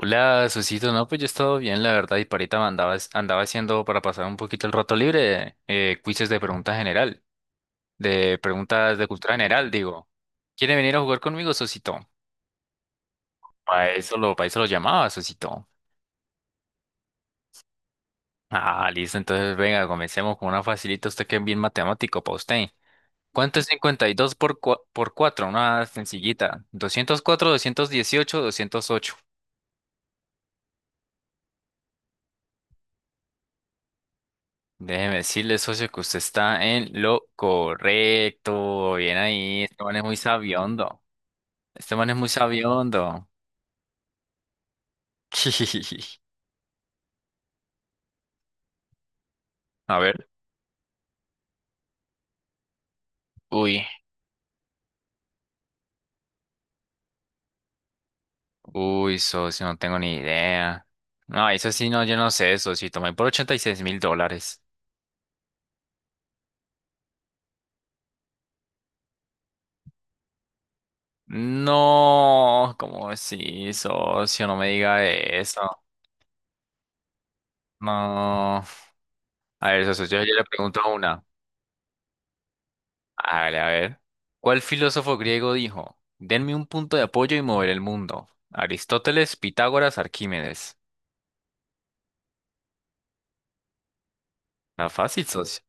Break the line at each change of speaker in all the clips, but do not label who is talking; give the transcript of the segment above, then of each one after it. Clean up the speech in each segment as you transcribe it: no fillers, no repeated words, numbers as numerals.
Hola, Susito, no, pues yo he estado bien, la verdad, y parita andaba haciendo para pasar un poquito el rato libre, quizzes de pregunta general, de preguntas de cultura general, digo. ¿Quiere venir a jugar conmigo, Susito? Para eso lo llamaba, Susito. Ah, listo, entonces venga, comencemos con una facilita, usted que es bien matemático para usted. ¿Cuánto es 52 por 4? Una sencillita. Doscientos cuatro, doscientos dieciocho, doscientos ocho. Déjeme decirle, socio, que usted está en lo correcto. Bien ahí. Este man es muy sabiondo. Este man es muy sabiondo. A ver. Uy, uy, socio, no tengo ni idea. No, eso sí, no, yo no sé, socio. Tomé por 86.000 dólares. No, ¿cómo así, socio? No me diga eso. No. A ver, socio, yo le pregunto una. Hágale, a ver. ¿Cuál filósofo griego dijo? Denme un punto de apoyo y moveré el mundo. Aristóteles, Pitágoras, Arquímedes. Está fácil, socio.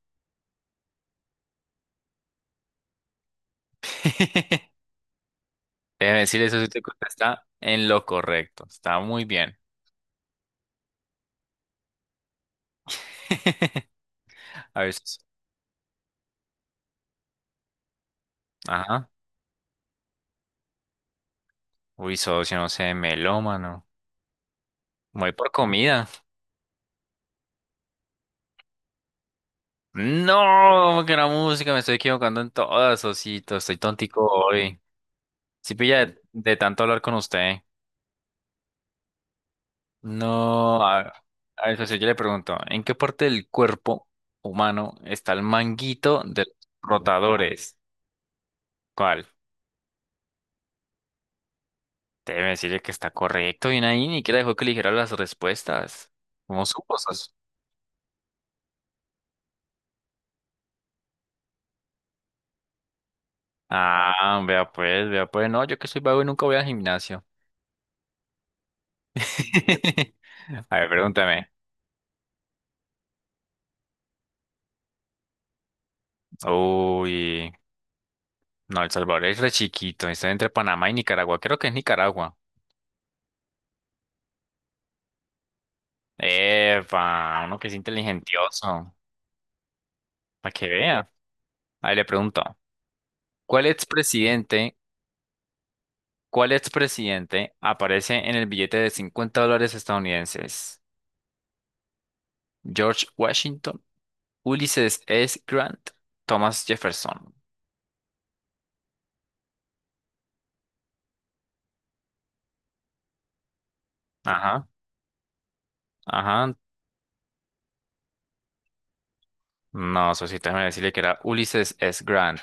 Debe decir eso si te contesta en lo correcto. Está muy bien. A ver, socio. Ajá. Uy, socio, no sé, melómano. Voy por comida. No, que la música, me estoy equivocando en todas, socito. Estoy tontico hoy. Si pilla de tanto hablar con usted. No, a ver, socio, yo le pregunto, ¿en qué parte del cuerpo humano está el manguito de los rotadores? ¿Cuál? Debe decirle que está correcto, bien ahí, ni que dejó que eligiera las respuestas. ¿Cómo supo, socio? Ah, vea pues, no, yo que soy vago y nunca voy al gimnasio. A ver, pregúntame. Uy, no, El Salvador es re chiquito, está entre Panamá y Nicaragua, creo que es Nicaragua. Epa, uno que es inteligentioso, para que vea. Ahí le pregunto, ¿cuál expresidente, cuál expresidente aparece en el billete de 50 dólares estadounidenses? George Washington, Ulysses S. Grant, Thomas Jefferson. Ajá, ajá. No, Sosito, déjame decirle que era Ulysses S. Grant.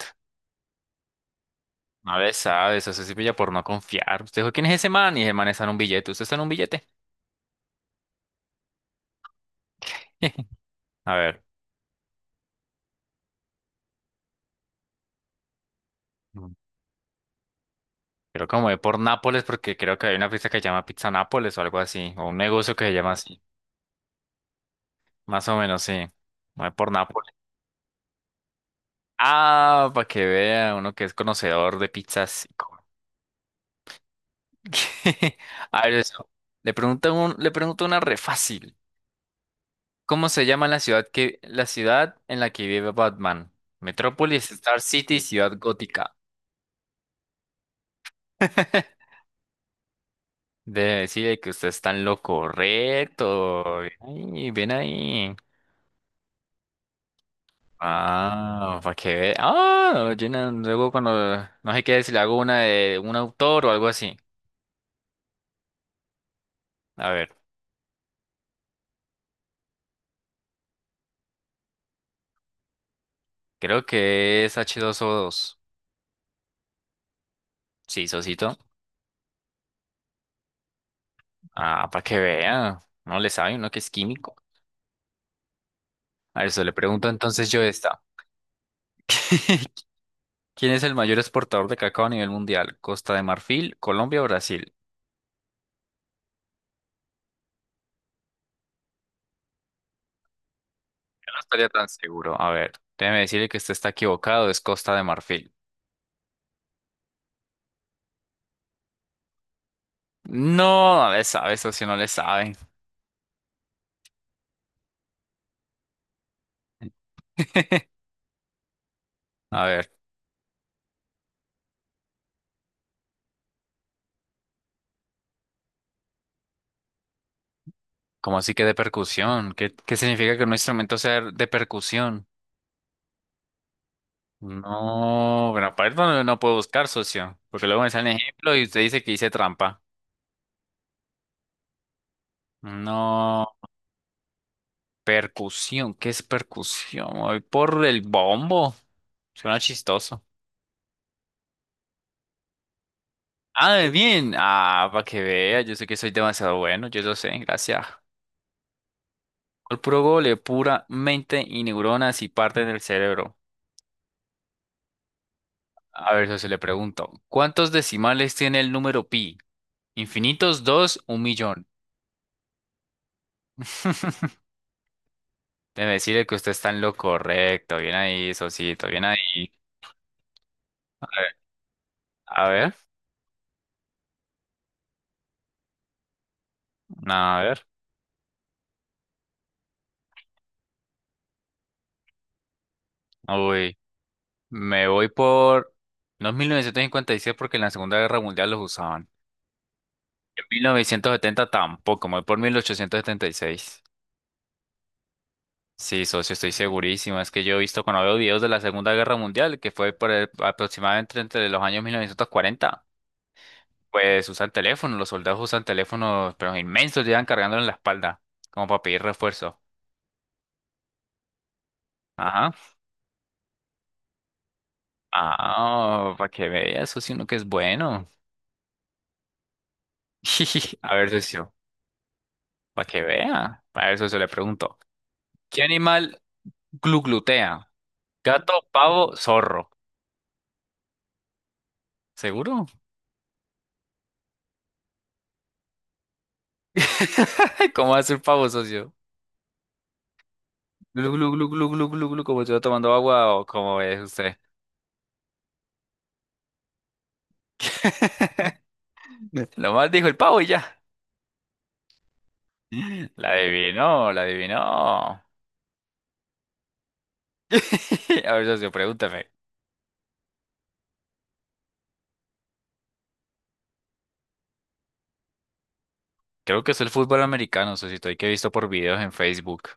A ver, sabes, eso se pilla por no confiar. Usted dijo, ¿quién es ese man? Y ese man está en un billete. ¿Usted está en un billete? A ver, mm, creo que me voy por Nápoles porque creo que hay una pizza que se llama Pizza Nápoles o algo así, o un negocio que se llama así. Más o menos, sí. Voy por Nápoles. Ah, para que vea uno que es conocedor de pizzas. Y co- A ver eso. Le pregunto una re fácil. ¿Cómo se llama la ciudad en la que vive Batman? Metrópolis, Star City, Ciudad Gótica. Debe decir que usted está en lo correcto. Ven ahí, ven ahí. Ah, para que vea. Ah, llena, luego cuando no sé qué si le hago una de un autor o algo así. A ver. Creo que es h dos o dos, sí, Sosito. Ah, para que vea. No le sabe uno que es químico. A eso le pregunto entonces yo esta. ¿Quién es el mayor exportador de cacao a nivel mundial? ¿Costa de Marfil, Colombia o Brasil? Yo no estaría tan seguro. A ver, déjeme decirle que usted está equivocado. Es Costa de Marfil. No, no le sabe, socio, no le sabe. A ver, ¿cómo así que de percusión? ¿Qué, qué significa que un instrumento sea de percusión? No, bueno, para eso no, no puedo buscar, socio, porque luego me sale ejemplo y usted dice que hice trampa. No, percusión, ¿qué es percusión? Voy por el bombo, suena chistoso. Ah, bien, ah, para que vea, yo sé que soy demasiado bueno, yo lo sé, gracias. El puro gole, pura mente y neuronas y partes del cerebro. A ver, socio, le pregunto, ¿cuántos decimales tiene el número pi? ¿Infinitos, dos, un millón? De decirle que usted está en lo correcto. Bien ahí, Sosito, bien ahí. A ver, a ver. No, a ver. Uy, me voy por... No es 1956 porque en la Segunda Guerra Mundial los usaban. En 1970 tampoco, me voy por 1876, sí, socio, estoy segurísimo. Es que yo he visto cuando veo videos de la Segunda Guerra Mundial, que fue por el- aproximadamente entre los años 1940, pues usan teléfonos, los soldados usan teléfonos, pero inmensos, llevan cargándolo en la espalda, como para pedir refuerzo. Ajá. Ah, para que vea, socio, uno que es bueno. A ver, socio, para que vea. A ver, socio, le pregunto. ¿Qué animal gluglutea? Gato, pavo, zorro. ¿Seguro? ¿Cómo hace el pavo, socio? Glu, glu, glu, glu, glu, glu, glu, como yo tomando agua o como es usted. Nomás dijo el pavo y ya. La adivinó, la adivinó. A ver, socio, pregúntame. Creo que es el fútbol americano, socio, y que he visto por videos en Facebook.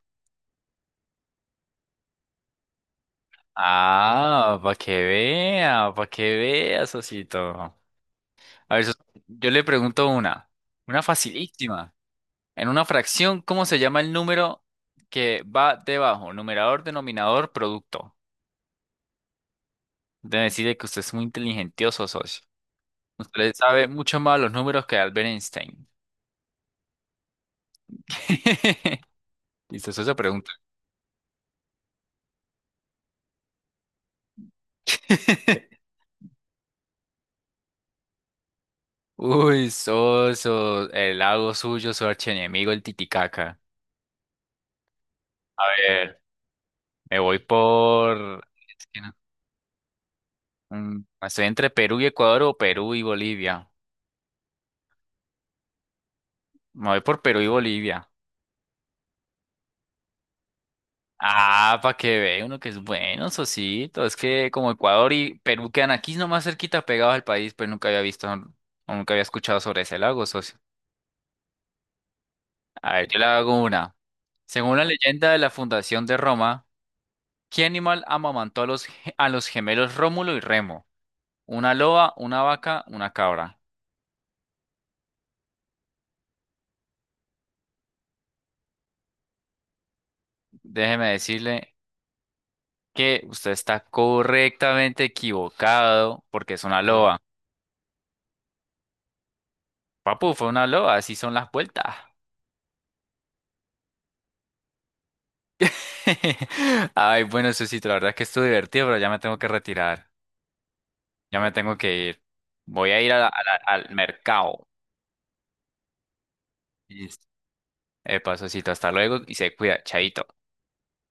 Ah, para que vea, socito. A ver, soci- yo le pregunto una facilísima. En una fracción, ¿cómo se llama el número que va debajo? Numerador, denominador, producto. Debe decirle que usted es muy inteligentioso, socio. Usted sabe mucho más los números que Albert Einstein. Listo, socio, pregunta. Uy, socio, el lago suyo, su archienemigo, el Titicaca. A ver, me voy por... Mm, estoy entre Perú y Ecuador o Perú y Bolivia. Me voy por Perú y Bolivia. Ah, para que vea uno que es bueno, Sosito. Es que como Ecuador y Perú quedan aquí nomás cerquita pegados al país, pero nunca había visto o nunca había escuchado sobre ese lago, socio. A ver, yo le hago una. Según la leyenda de la fundación de Roma, ¿qué animal amamantó a los, ge- a los gemelos Rómulo y Remo? ¿Una loba, una vaca, una cabra? Déjeme decirle que usted está correctamente equivocado porque es una mm. Loba. Papu, fue una loba, así son las vueltas. Ay, bueno, Susito, la verdad es que estuvo divertido, pero ya me tengo que retirar. Ya me tengo que ir. Voy a ir al mercado. Listo. Epa, Susito, hasta luego y se cuida. Chaito.